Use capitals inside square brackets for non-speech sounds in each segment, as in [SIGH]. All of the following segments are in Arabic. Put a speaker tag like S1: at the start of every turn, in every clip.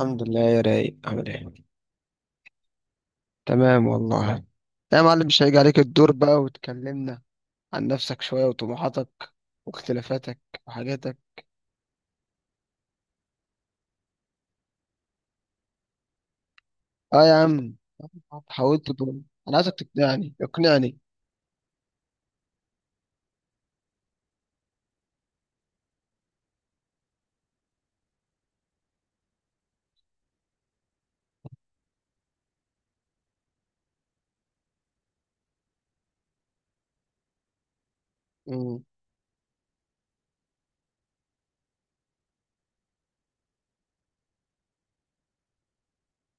S1: الحمد لله يا رايق، عامل ايه؟ تمام والله. لا يا معلم، مش هيجي عليك الدور بقى وتكلمنا عن نفسك شوية، وطموحاتك، واختلافاتك، وحاجاتك. اه يا عم، حاولت تقول. انا عايزك تقنعني، اقنعني. مم.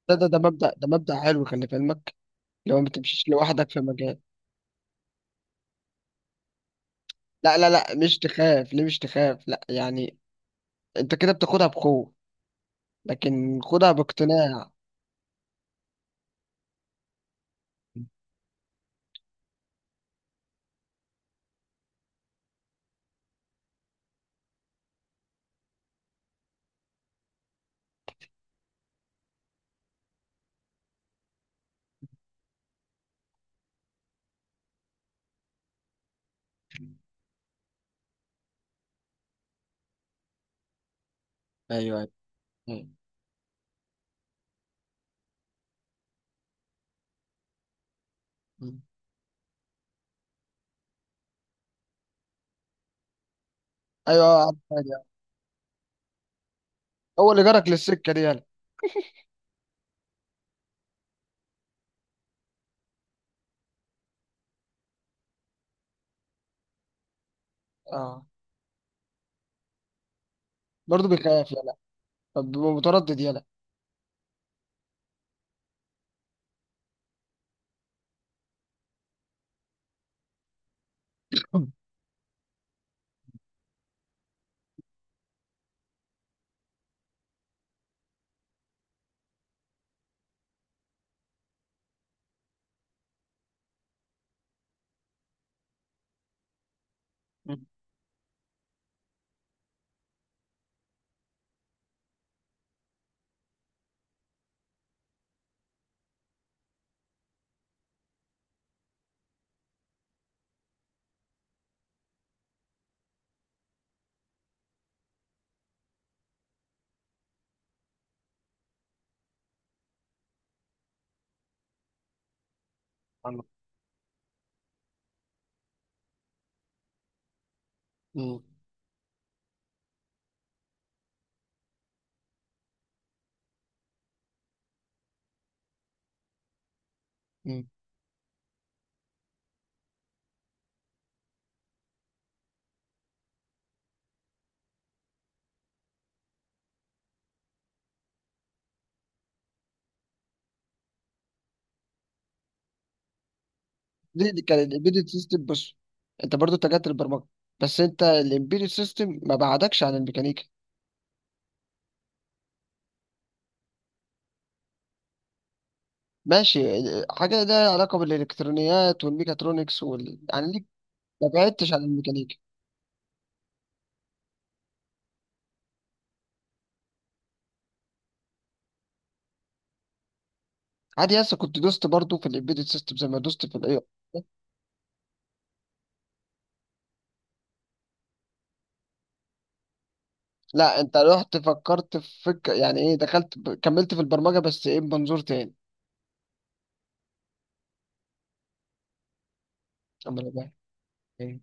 S1: ده مبدأ، ده مبدأ حلو، خلي في علمك، لو ما تمشيش لوحدك في مجال. لا، مش تخاف، ليه مش تخاف؟ لا يعني انت كده بتاخدها بخوف، لكن خدها باقتناع. ايوه، ايوه. مم. ايوه عارف، عارف. هو اللي جرك للسكة دي، يلا. اه، برضه بيخاف، يلا. طب بيبقى متردد، يلا. [COUGHS] مم. الله. مم. مم. دي كان الامبيدد سيستم. بص، انت برضو اتجهت للبرمجه، بس انت الامبيدد سيستم ما بعدكش عن الميكانيكا. ماشي، حاجه ده علاقه بالالكترونيات والميكاترونكس وال... يعني ليك. ما بعدتش عن الميكانيكا. عادي يس، كنت دوست برضو في الامبيدد سيستم زي ما دوست في الاي. لا، انت رحت فكرت في يعني ايه، دخلت كملت في البرمجه، بس ايه، بمنظور تاني. اما انا بقى ايه.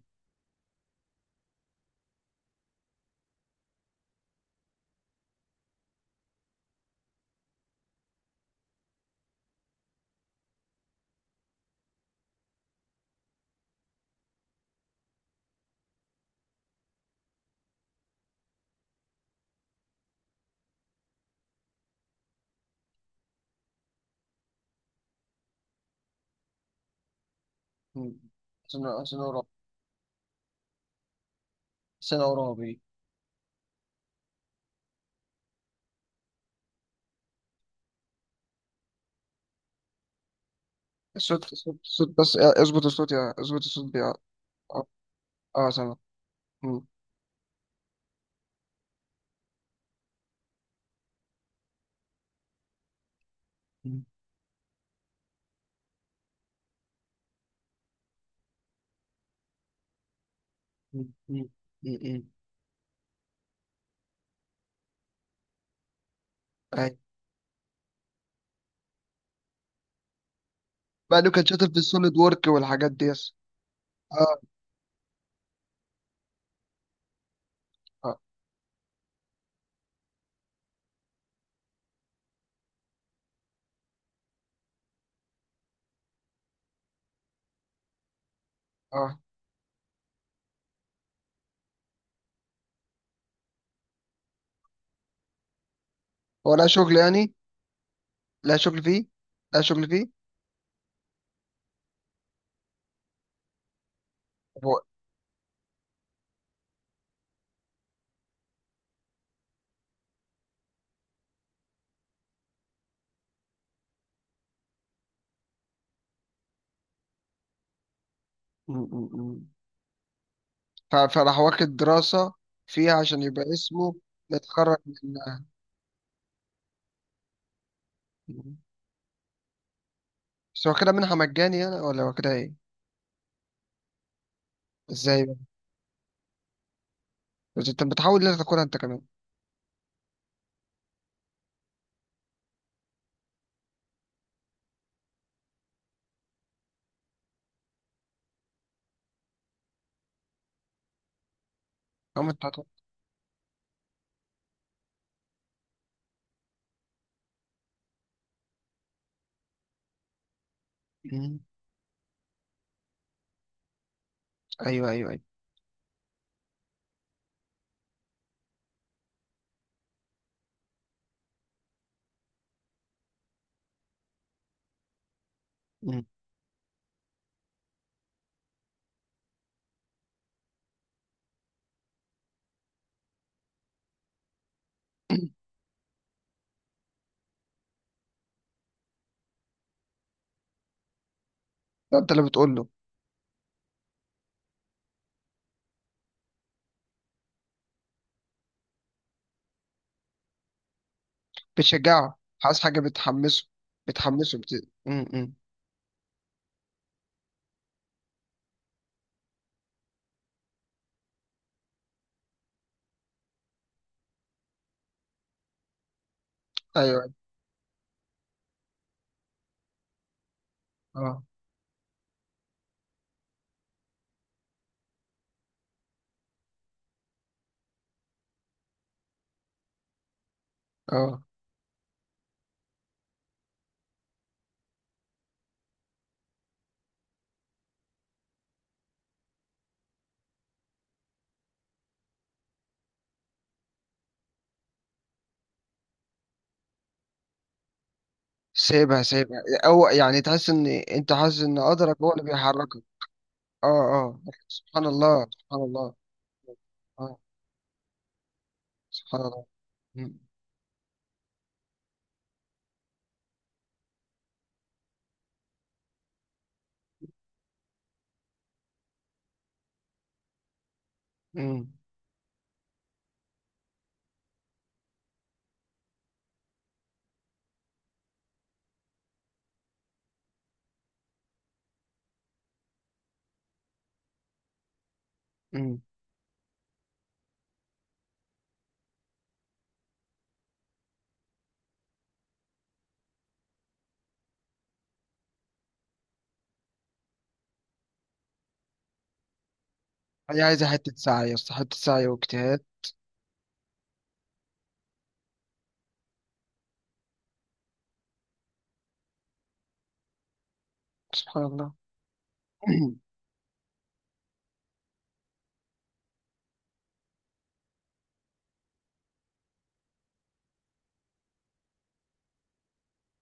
S1: مم. عشان اقرا. عشان اقرا. صوت صوت صوت، بس اظبط الصوت يا، اظبط الصوت يا. اه. آه، سامع. مم. مم. مم. مم. مم. اي. بعده كان شاطر في السوليد وورك والحاجات دي، يس. اه. اه. اه. هو لا شغل يعني، لا شغل فيه، لا شغل فيه هو. مم. مم. مم. فراح واخد دراسة فيها عشان يبقى اسمه متخرج منها. مم. بس هو كده منحة مجاني يعني، ولا هو كده ايه؟ ازاي بقى؟ بس انت بتحاول ليه تاكلها انت كمان؟ هم انت هتاكل. مم. ايوه، ايوه، ايوه. مم. ده انت اللي بتقول له. بتشجعه، عايز حاجة بتحمسه، بتحمسه، م -م. ايوه. اه. اه. سيبها، سيبها. او يعني تحس ان انت حاسس ان قدرك هو اللي بيحركك. اه، اه. سبحان الله، سبحان الله. اه. سبحان الله. م-. م-. م. هي عايزة حتة سعي يا اسطى، حتة سعي واجتهاد. سبحان الله. [CLEARS THROAT]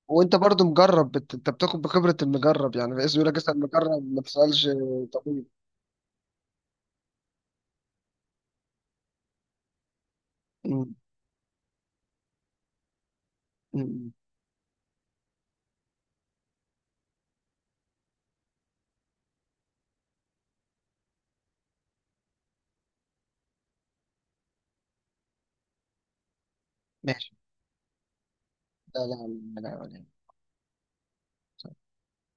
S1: وانت برضو مجرب، انت بتاخد بخبرة المجرب، يعني باسم يقول لك اسأل مجرب ما تسألش. طبيب. م-. م-. م. ماشي. لا لا لا. لا لا